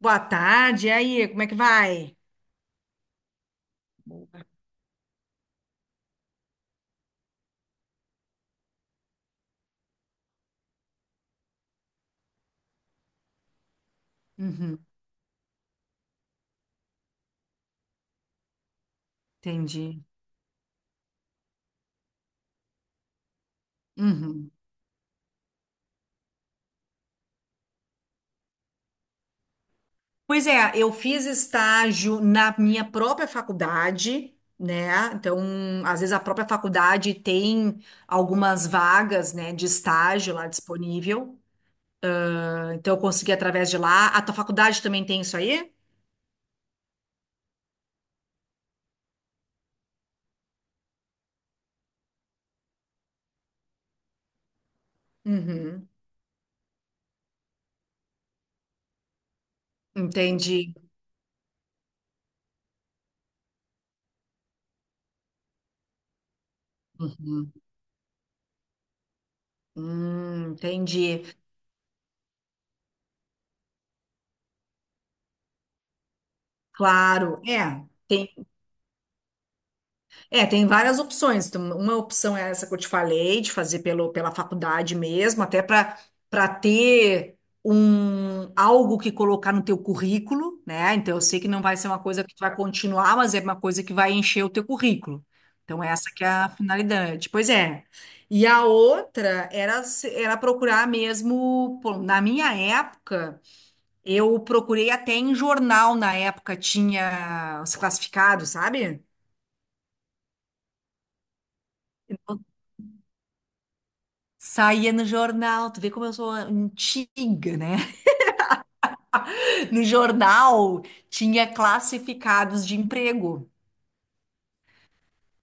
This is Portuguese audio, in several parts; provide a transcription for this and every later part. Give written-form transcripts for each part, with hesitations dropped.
Boa tarde, e aí, como é que vai? Boa. Uhum, entendi. Uhum. Pois é, eu fiz estágio na minha própria faculdade, né? Então, às vezes a própria faculdade tem algumas vagas, né, de estágio lá disponível. Ah, então, eu consegui através de lá. A tua faculdade também tem isso aí? Uhum, entendi. Uhum. Entendi. Claro, é. Tem. É, tem várias opções. Então, uma opção é essa que eu te falei, de fazer pela faculdade mesmo, até para ter um algo que colocar no teu currículo, né? Então eu sei que não vai ser uma coisa que tu vai continuar, mas é uma coisa que vai encher o teu currículo. Então essa que é a finalidade. Pois é. E a outra era era procurar mesmo, pô, na minha época, eu procurei até em jornal, na época tinha os classificados, sabe? Saía no jornal, tu vê como eu sou antiga, né? No jornal tinha classificados de emprego.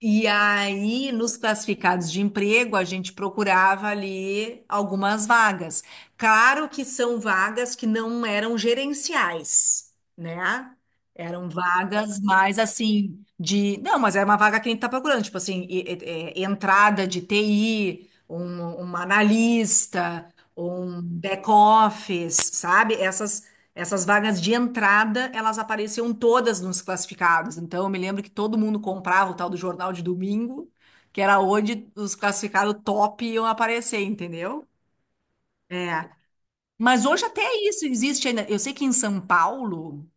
E aí, nos classificados de emprego, a gente procurava ali algumas vagas. Claro que são vagas que não eram gerenciais, né? Eram vagas mais assim de. Não, mas era uma vaga que a gente está procurando, tipo assim, é, entrada de TI, um analista, um back office, sabe? Essas vagas de entrada, elas apareciam todas nos classificados. Então, eu me lembro que todo mundo comprava o tal do jornal de domingo, que era onde os classificados top iam aparecer, entendeu? É. Mas hoje até isso existe ainda. Eu sei que em São Paulo,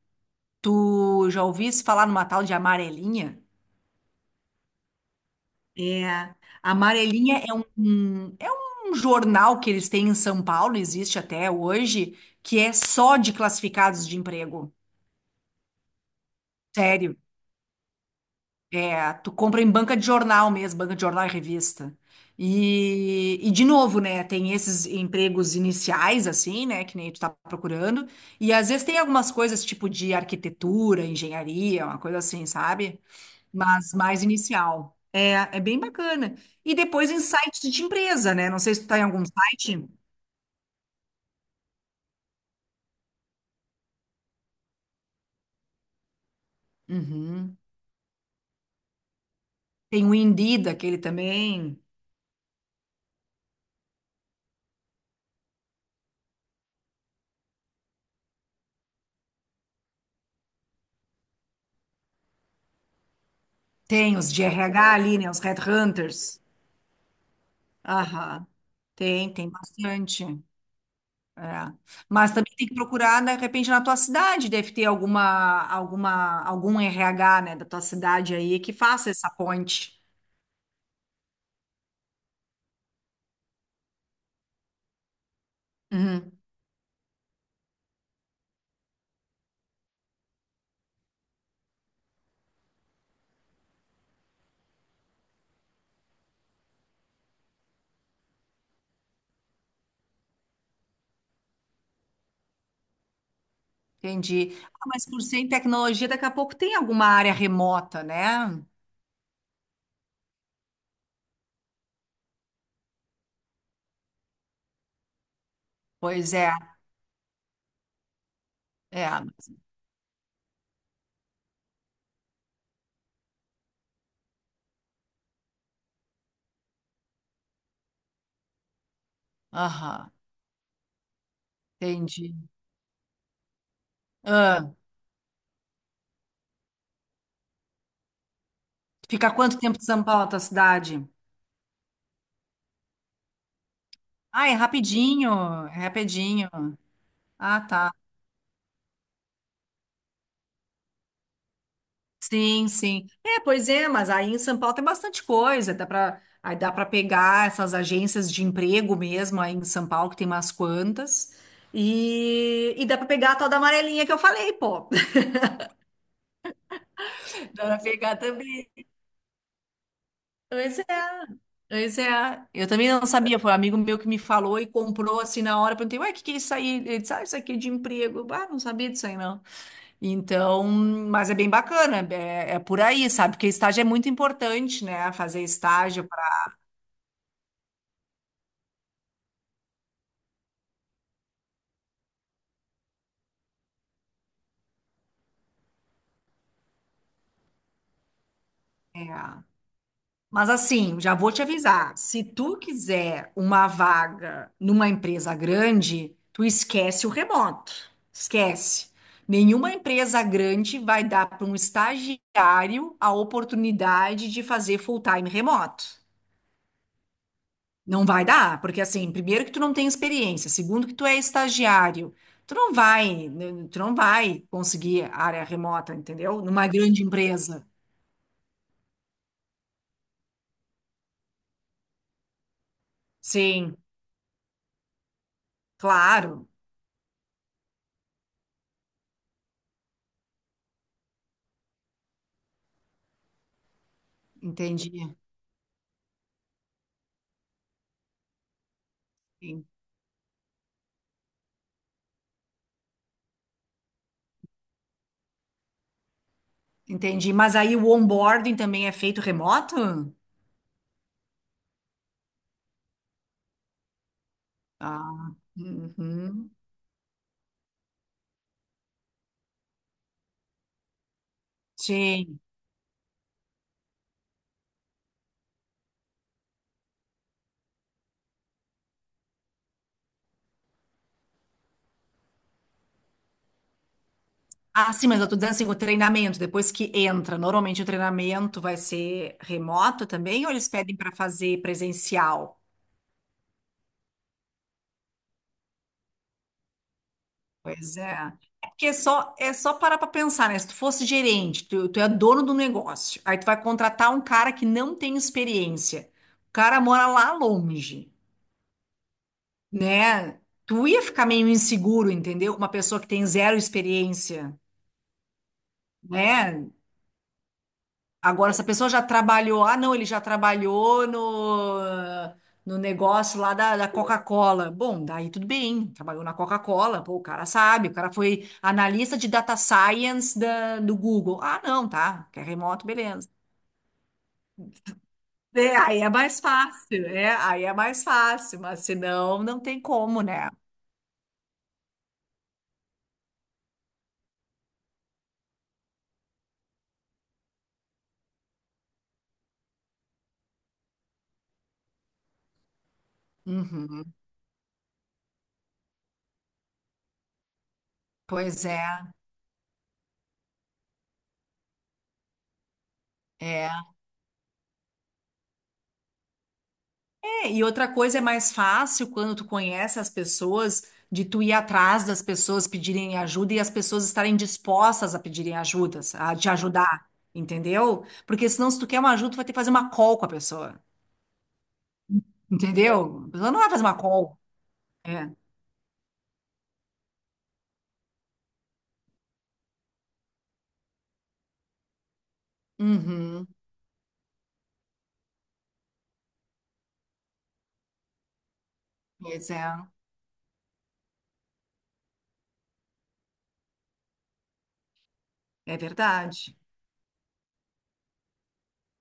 tu já ouvisse falar numa tal de amarelinha? É. Amarelinha é é um jornal que eles têm em São Paulo, existe até hoje, que é só de classificados de emprego. Sério. É, tu compra em banca de jornal mesmo, banca de jornal e revista. E de novo, né, tem esses empregos iniciais, assim, né, que nem tu tá procurando. E às vezes tem algumas coisas tipo de arquitetura, engenharia, uma coisa assim, sabe? Mas mais inicial. É, é bem bacana. E depois em sites de empresa, né? Não sei se tu tá em algum site. Uhum. Tem o Indeed, aquele também. Tem os de RH ali, né, os Headhunters. Aham. Tem, tem bastante. É. Mas também tem que procurar, de repente, na tua cidade, deve ter algum RH, né, da tua cidade aí que faça essa ponte. Uhum. Entendi. Ah, mas por ser em tecnologia, daqui a pouco tem alguma área remota, né? Pois é, é. Aham, entendi. Ah, fica quanto tempo de São Paulo, a tua cidade? Ah, é rapidinho, é rapidinho. Ah, tá. Sim, sim. É, pois é, mas aí em São Paulo tem bastante coisa, dá para aí dá para pegar essas agências de emprego mesmo aí em São Paulo, que tem umas quantas. E dá para pegar a tal da amarelinha que eu falei, pô. Dá para pegar também. Pois é. Pois é. Eu também não sabia, foi um amigo meu que me falou e comprou assim na hora, perguntei, ué, o que que é isso aí? Ele disse, ah, isso aqui é de emprego. Eu, ah, não sabia disso aí, não. Então, mas é bem bacana, é, é por aí, sabe? Porque estágio é muito importante, né? Fazer estágio. É. Mas assim, já vou te avisar, se tu quiser uma vaga numa empresa grande, tu esquece o remoto. Esquece. Nenhuma empresa grande vai dar para um estagiário a oportunidade de fazer full-time remoto. Não vai dar, porque assim, primeiro que tu não tem experiência, segundo que tu é estagiário. Tu não vai, né, tu não vai conseguir área remota, entendeu? Numa grande empresa. Sim, claro, entendi. Entendi. Mas aí o onboarding também é feito remoto? Ah, uhum. Sim. Ah, sim, mas eu tô dizendo assim, o treinamento, depois que entra, normalmente o treinamento vai ser remoto também, ou eles pedem para fazer presencial? Pois é. É porque é só parar para pensar, né? Se tu fosse gerente, tu é dono do negócio, aí tu vai contratar um cara que não tem experiência. O cara mora lá longe, né? Tu ia ficar meio inseguro, entendeu? Com uma pessoa que tem zero experiência, né? Agora, se a pessoa já trabalhou, ah, não, ele já trabalhou no negócio lá da Coca-Cola. Bom, daí tudo bem, trabalhou na Coca-Cola, pô, o cara sabe, o cara foi analista de data science do Google. Ah, não, tá, quer remoto, beleza. É, aí é mais fácil, é, aí é mais fácil, mas senão não tem como, né? Uhum. Pois é, é. É, e outra coisa é mais fácil quando tu conhece as pessoas, de tu ir atrás das pessoas pedirem ajuda e as pessoas estarem dispostas a pedirem ajudas, a te ajudar, entendeu? Porque senão, se tu quer uma ajuda, tu vai ter que fazer uma call com a pessoa, entendeu? A pessoa não vai fazer uma call. É. Uhum. Pois é, é verdade.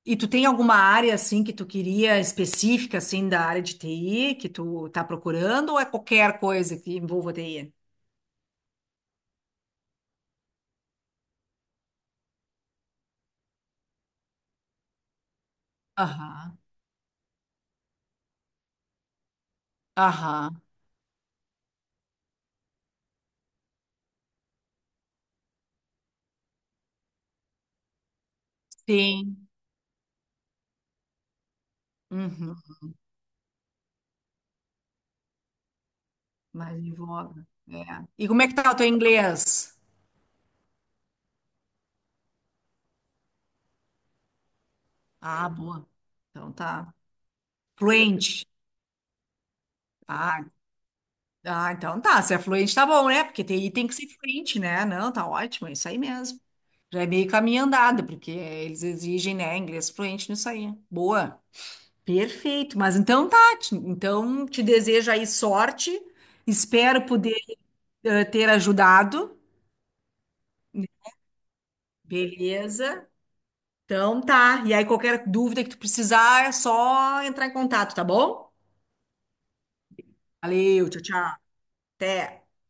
E tu tem alguma área, assim, que tu queria específica, assim, da área de TI, que tu tá procurando, ou é qualquer coisa que envolva TI? Aham, aham. Sim. Uhum, mais em voga. É. E como é que tá o teu inglês? Ah, boa. Então tá. Fluente. Ah, ah, então tá. Se é fluente, tá bom, né? Porque tem tem que ser fluente, né? Não, tá ótimo, é isso aí mesmo. Já é meio caminho andado, porque eles exigem, né, inglês fluente nisso aí. Boa. Perfeito. Mas então tá. Então te desejo aí sorte. Espero poder ter ajudado. Beleza. Então tá. E aí, qualquer dúvida que tu precisar, é só entrar em contato, tá bom? Valeu, tchau, tchau. Até.